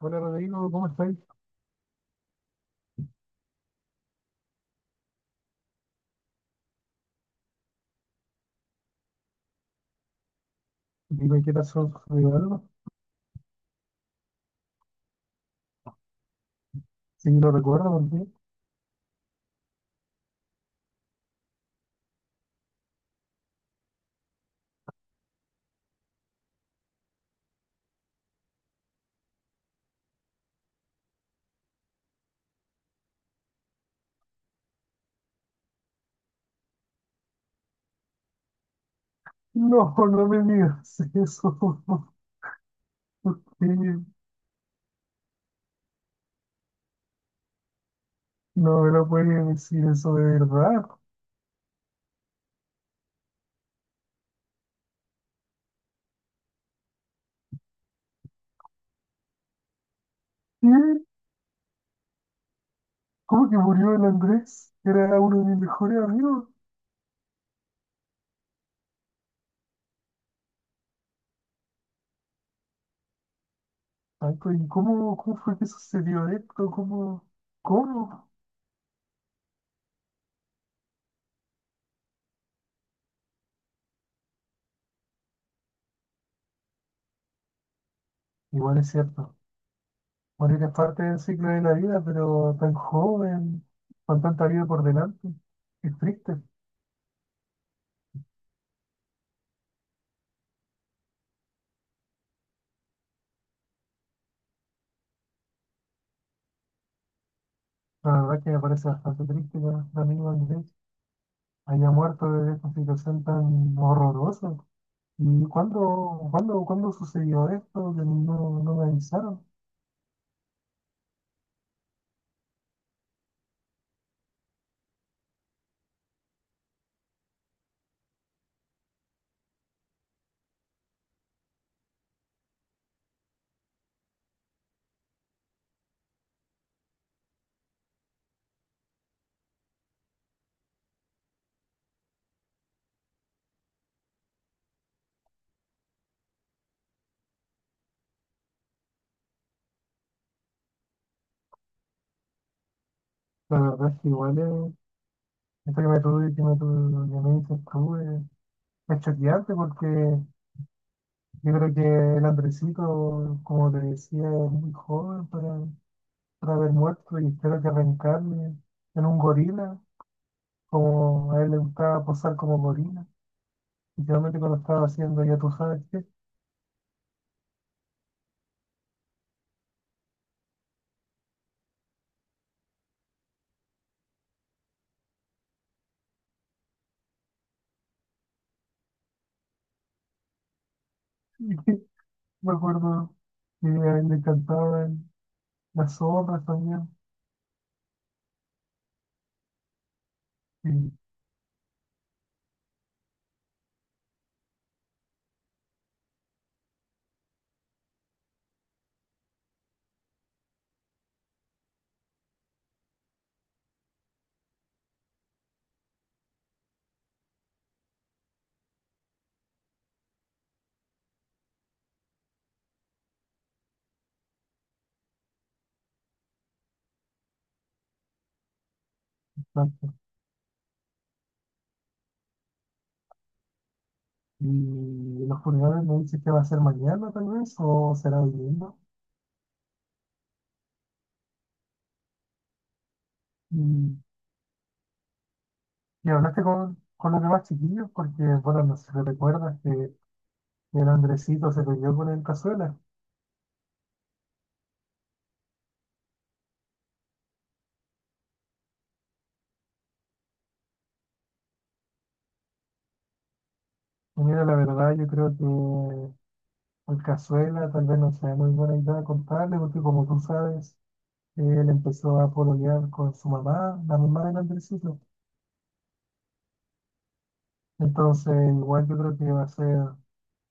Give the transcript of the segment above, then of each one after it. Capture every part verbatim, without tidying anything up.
Hola Rodrigo, ¿cómo estás? Dime qué pasó, ¿sucedió algo? Si no recuerdo por. No, no me digas eso. Sí. No me lo puedes decir eso de verdad. ¿Qué? ¿Cómo que murió el Andrés? Era uno de mis mejores amigos. Ay, co- ¿y cómo, cómo fue que sucedió esto? ¿Cómo? ¿Cómo? Igual es cierto. Morir es parte del ciclo de la vida, pero tan joven, con tanta vida por delante. Es triste. La verdad que me parece bastante triste, la, la amigo Andrés. Haya muerto de esta situación tan horrorosa. ¿Y cuándo, cuándo, cuándo sucedió esto? Que no, no no me avisaron. La verdad es que igual eh, esto que me tuve, que me tuve, que me dices tú, eh, es choqueante porque yo creo que el Andresito, como te decía, es muy joven para, para haber muerto y espero que reencarne en un gorila, como a él le gustaba posar como gorila, literalmente cuando estaba haciendo ya tú sabes qué. Me acuerdo que a él le cantaban las zorras también. Y, tanto. Y los funerales me dice que va a ser mañana tal vez, o será hoy. Y, y hablaste con, con, los demás chiquillos, porque bueno, no sé si recuerdas que el Andresito se peleó con el Cazuela. Y mira, la verdad yo creo que el Cazuela tal vez no sea muy buena idea contarle, porque como tú sabes, él empezó a pololear con su mamá, la mamá del Andresito. Entonces, igual yo creo que va a ser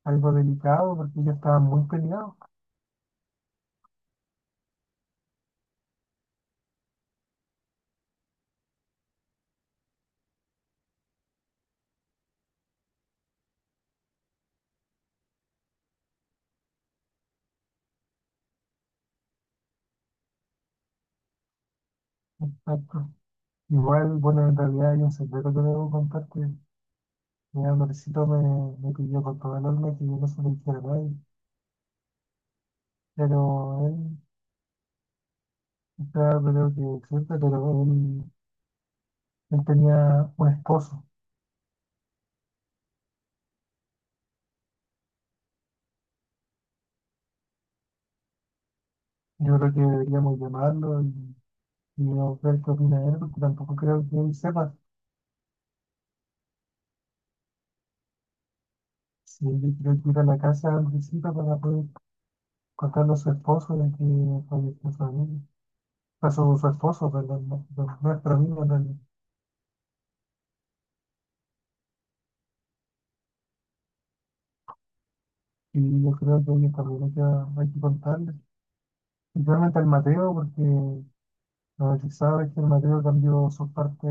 algo delicado porque ellos estaban muy peleados. Exacto. Igual, bueno, en realidad hay un secreto que debo contar que mi amorcito me, me pidió con todo el alma que yo no se lo dijera a nadie. Pero él, está creo que siempre, pero él, él tenía un esposo. Yo creo que deberíamos llamarlo y, y no ver qué opina él, porque tampoco creo que él sepa. Si él creo que ir a la casa de Andresito para poder contarle a su esposo de que falleció su amigo. A su, su esposo, pues, de- de- de nuestro amigo, del. Y yo creo que ella también hay que, hay que contarle, principalmente al Mateo, porque lo que sabe es que el Mateo cambió su parte,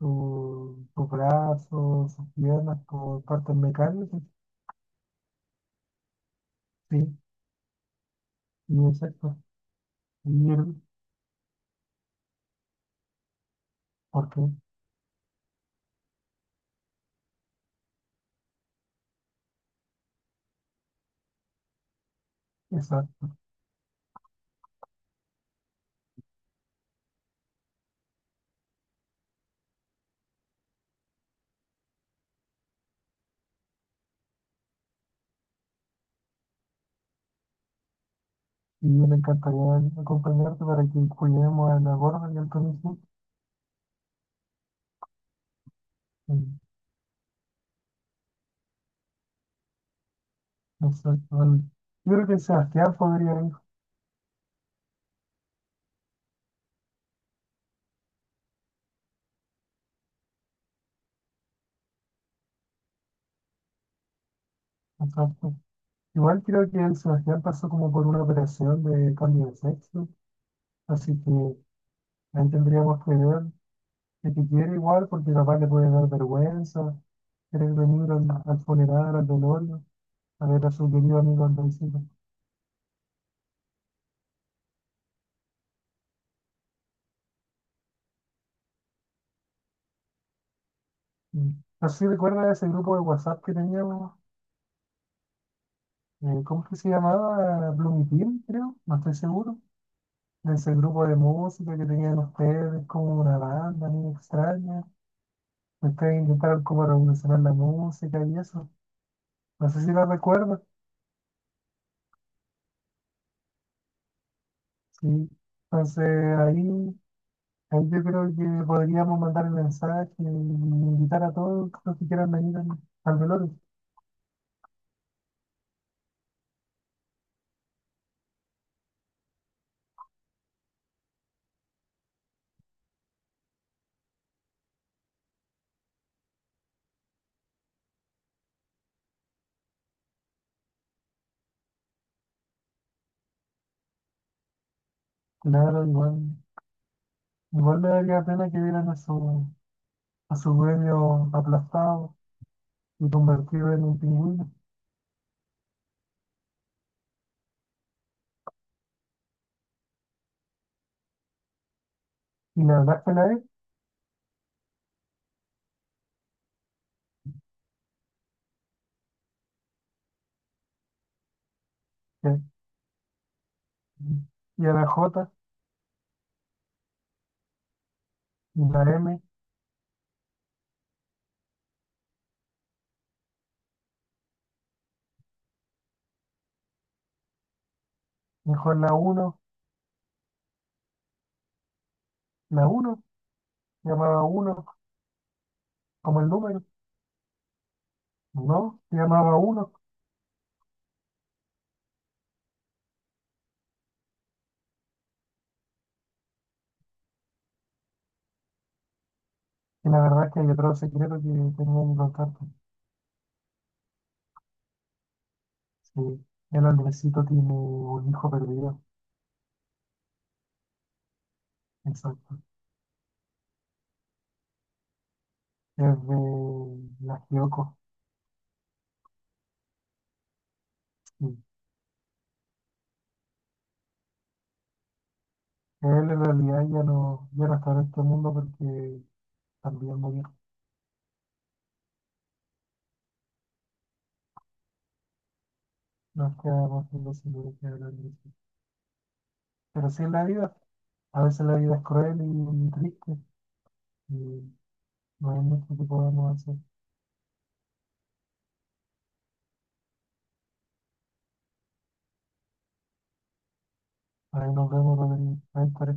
su, su brazo, sus piernas por partes mecánicas, sí, y exacto, y él, ¿por qué? Exacto, y me encantaría acompañarte para que cuidemos a la gorda y al Tonisú, exacto, yo creo que Sebastián podría ir, exacto. Igual creo que el Sebastián pasó como por una operación de cambio de sexo, así que ahí tendríamos que ver qué te quiere igual, porque capaz le puede dar vergüenza, querer venir al, al funeral, al velorio, a ver a su querido amigo Andoncito. Mm. Así recuerda ese grupo de WhatsApp que teníamos, eh, ¿cómo es que se llamaba? Bloomy Team, creo, no estoy seguro. Ese grupo de música que tenían ustedes, como una banda, muy extraña. Ustedes intentaron como revolucionar la música y eso. No sé si la recuerdas. Sí. Entonces ahí, ahí yo creo que podríamos mandar el mensaje y invitar a todos los que quieran venir al, al velorio. Claro, igual, igual me daría pena que vieran a su, a su dueño aplastado y convertido en un pingüino. Y la verdad es que la E, que- y a la J, y la M, mejor la uno, la uno, llamaba uno como el número, ¿no? Llamaba uno. Y la verdad es que hay otro secreto que tenía que contarte. Sí, el hombrecito tiene un hijo perdido, exacto. Es de la Kyoko. Sí. Él en realidad ya no, ya no está en este mundo porque también murió. Nos quedamos sin los hijos que eran de ese. Pero sí en la vida, a veces la vida es cruel y triste y no hay mucho que podamos hacer. Ahí nos vemos, Rodrigo. Ahí estaré.